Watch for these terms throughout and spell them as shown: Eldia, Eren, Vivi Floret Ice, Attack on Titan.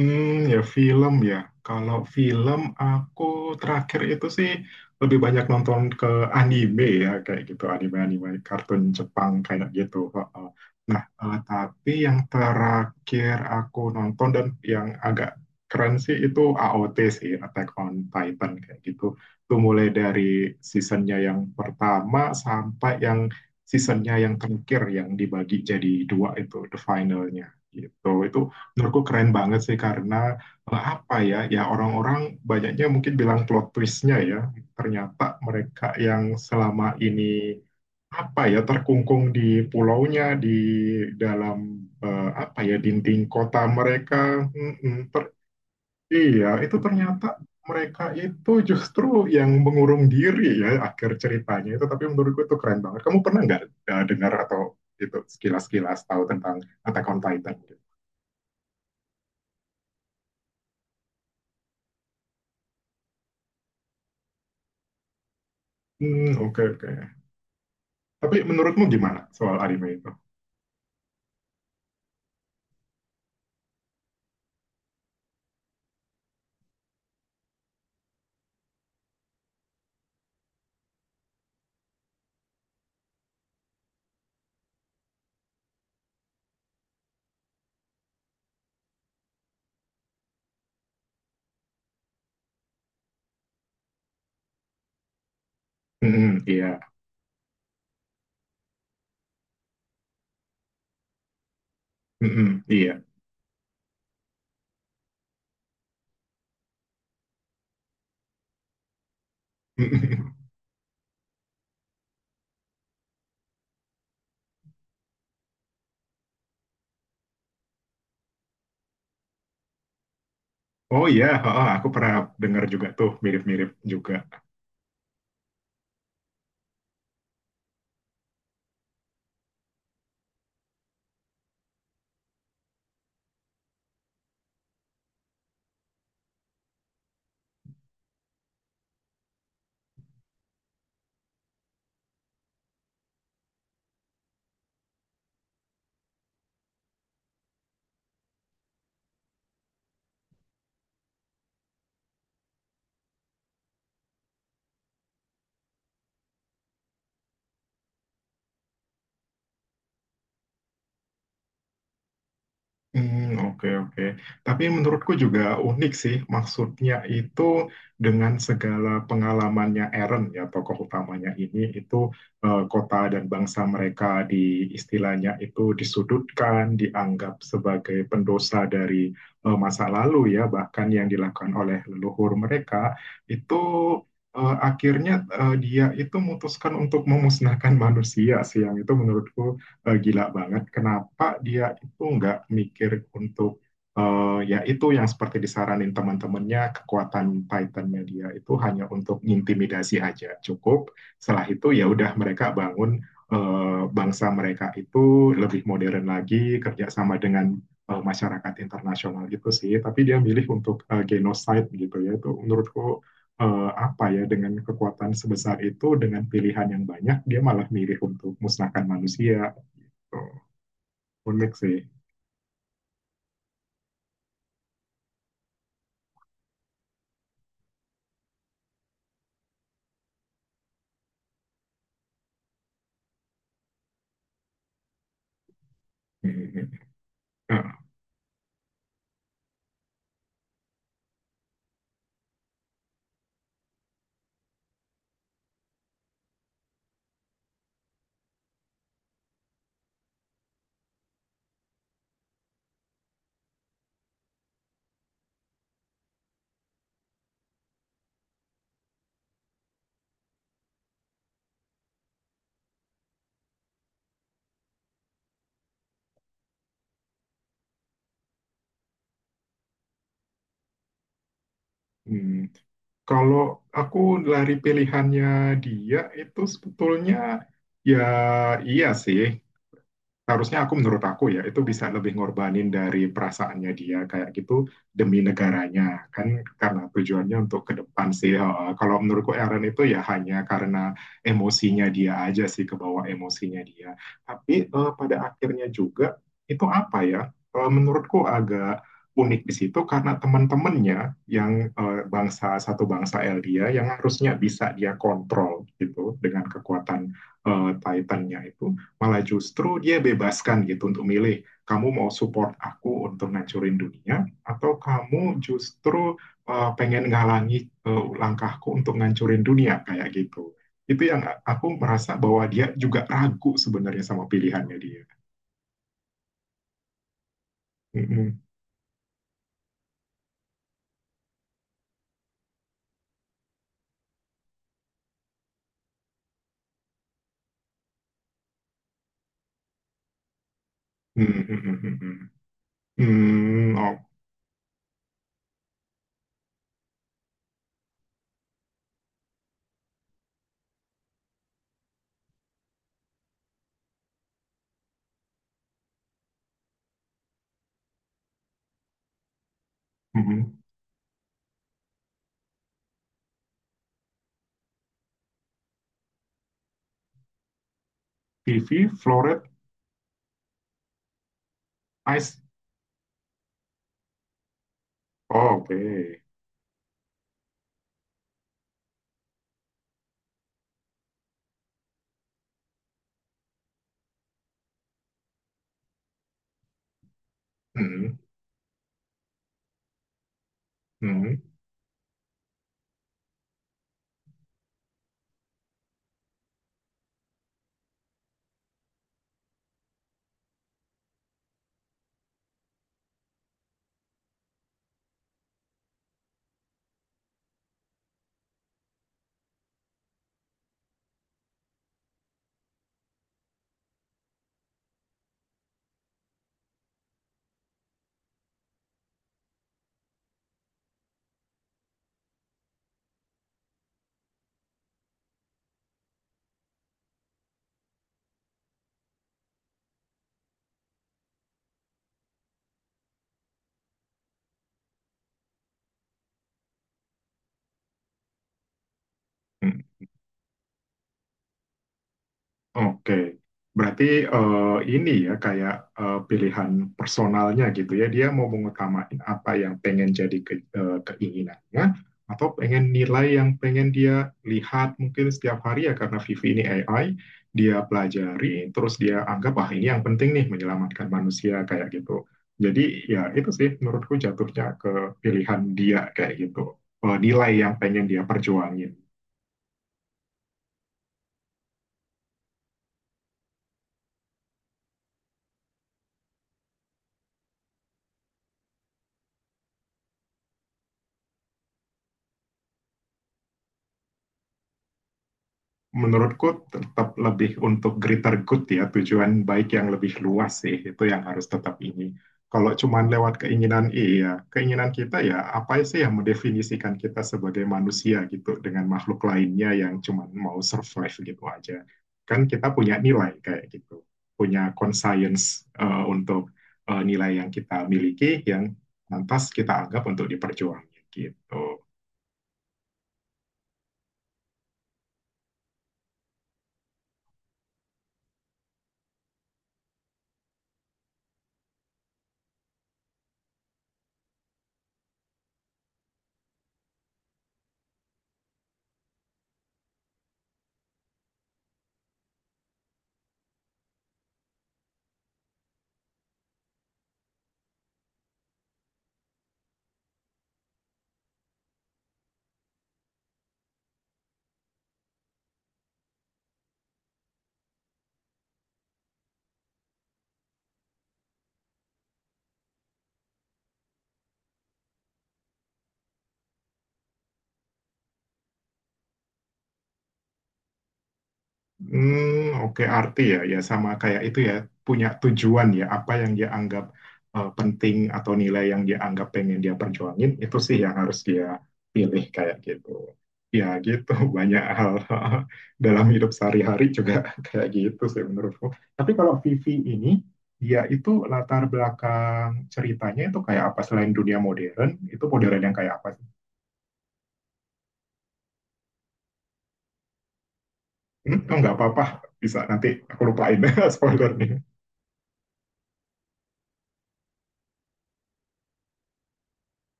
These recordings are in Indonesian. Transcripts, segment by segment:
Hmm, ya film ya. Kalau film aku terakhir itu sih lebih banyak nonton ke anime ya kayak gitu anime-anime kartun Jepang kayak gitu. Heeh. Nah, tapi yang terakhir aku nonton dan yang agak keren sih itu AOT sih Attack on Titan kayak gitu. Itu mulai dari seasonnya yang pertama sampai yang seasonnya yang terakhir yang dibagi jadi dua itu the finalnya gitu. Itu menurutku keren banget sih karena apa ya orang-orang banyaknya mungkin bilang plot twistnya ya ternyata mereka yang selama ini apa ya terkungkung di pulaunya di dalam apa ya dinding kota mereka. Mm-mm, iya itu ternyata mereka itu justru yang mengurung diri ya akhir ceritanya itu tapi menurutku itu keren banget. Kamu pernah nggak dengar atau itu sekilas-kilas tahu tentang Attack on Titan? Hmm, oke oke. Tapi menurutmu gimana soal anime itu? Mhm, iya. Mhm, iya. Oh iya, heeh, aku pernah dengar juga tuh mirip-mirip juga. Hmm, oke oke. Tapi menurutku juga unik sih, maksudnya itu dengan segala pengalamannya Eren ya tokoh utamanya ini itu kota dan bangsa mereka di istilahnya itu disudutkan, dianggap sebagai pendosa dari masa lalu ya, bahkan yang dilakukan oleh leluhur mereka itu akhirnya dia itu memutuskan untuk memusnahkan manusia sih, yang itu menurutku gila banget kenapa dia itu nggak mikir untuk ya itu yang seperti disaranin teman-temannya. Kekuatan Titan Media itu hanya untuk intimidasi aja cukup, setelah itu ya udah mereka bangun bangsa mereka itu lebih modern lagi, kerjasama dengan masyarakat internasional gitu sih. Tapi dia milih untuk genocide gitu ya, itu menurutku apa ya, dengan kekuatan sebesar itu dengan pilihan yang banyak dia malah milih untuk musnahkan manusia. Oh, unik sih. Hmm. Nah, hmm. Ah, hmm. Kalau aku lari pilihannya dia itu sebetulnya ya iya sih harusnya aku, menurut aku ya itu bisa lebih ngorbanin dari perasaannya dia kayak gitu demi negaranya kan karena tujuannya untuk ke depan sih. Heeh. Kalau menurutku Aaron itu ya hanya karena emosinya dia aja sih, ke bawah emosinya dia. Tapi pada akhirnya juga itu apa ya. Menurutku agak unik di situ karena teman-temannya yang bangsa satu bangsa Eldia yang harusnya bisa dia kontrol gitu dengan kekuatan Titannya itu malah justru dia bebaskan gitu untuk milih. Kamu mau support aku untuk ngancurin dunia atau kamu justru pengen ngalangi langkahku untuk ngancurin dunia kayak gitu. Itu yang aku merasa bahwa dia juga ragu sebenarnya sama pilihannya dia. Hmm. Hmm. Hmm. Hmm. Hmm. Oh. Hmm. Vivi Floret Ice. Oh, oke. Hmm. Hmm. Hmm. Oke, berarti ini ya kayak pilihan personalnya gitu ya. Dia mau mengutamain apa yang pengen jadi keinginannya, atau pengen nilai yang pengen dia lihat mungkin setiap hari ya karena Vivi ini AI, dia pelajari terus dia anggap ah ini yang penting nih menyelamatkan manusia kayak gitu. Jadi ya itu sih menurutku jatuhnya ke pilihan dia kayak gitu. Nilai yang pengen dia perjuangin. Menurutku tetap lebih untuk greater good ya, tujuan baik yang lebih luas sih, itu yang harus tetap ini. Kalau cuman lewat keinginan, iya, keinginan kita ya apa sih yang mendefinisikan kita sebagai manusia gitu dengan makhluk lainnya yang cuman mau survive gitu aja. Kan kita punya nilai kayak gitu, punya conscience untuk nilai yang kita miliki yang lantas kita anggap untuk diperjuangin gitu. Hmm, oke, arti ya, ya sama kayak itu ya, punya tujuan ya, apa yang dia anggap penting atau nilai yang dia anggap pengen dia perjuangin, itu sih yang harus dia pilih kayak gitu. Ya gitu, banyak hal dalam hidup sehari-hari juga kayak gitu sih menurutku. Tapi kalau Vivi ini, dia itu latar belakang ceritanya itu kayak apa selain dunia modern, itu modern yang kayak apa sih? Hmm, oh, nggak apa-apa, bisa nanti aku lupain spoiler nih.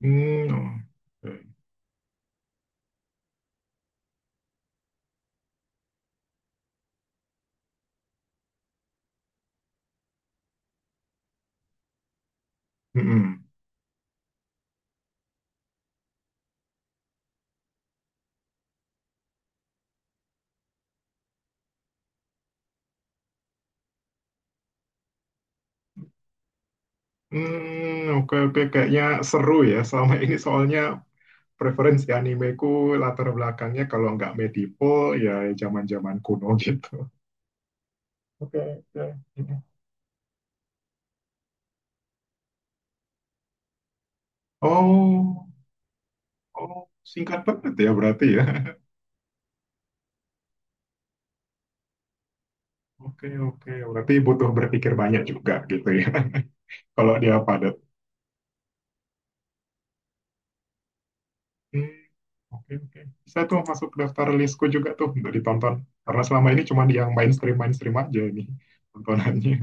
Hmm, oke. Mm-mm. Hmm, oke oke kayaknya seru ya. Selama ini soalnya preferensi animeku latar belakangnya kalau nggak medieval ya zaman-zaman kuno gitu. Oke oke. Oh, oh, singkat banget ya berarti ya. Oke oke berarti butuh berpikir banyak juga gitu ya. Kalau dia padat. Hmm, oke oke. Bisa tuh masuk ke daftar listku juga tuh untuk ditonton. Karena selama ini cuma yang mainstream mainstream aja nih tontonannya.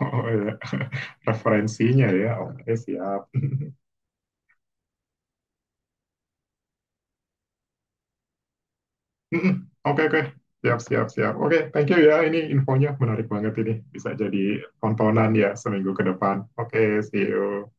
Oh ya, referensinya ya. Oke, siap. Oke, oke. Siap, siap, siap. Oke, thank you ya. Ini infonya menarik banget ini. Bisa jadi tontonan ya seminggu ke depan. Oke, see you.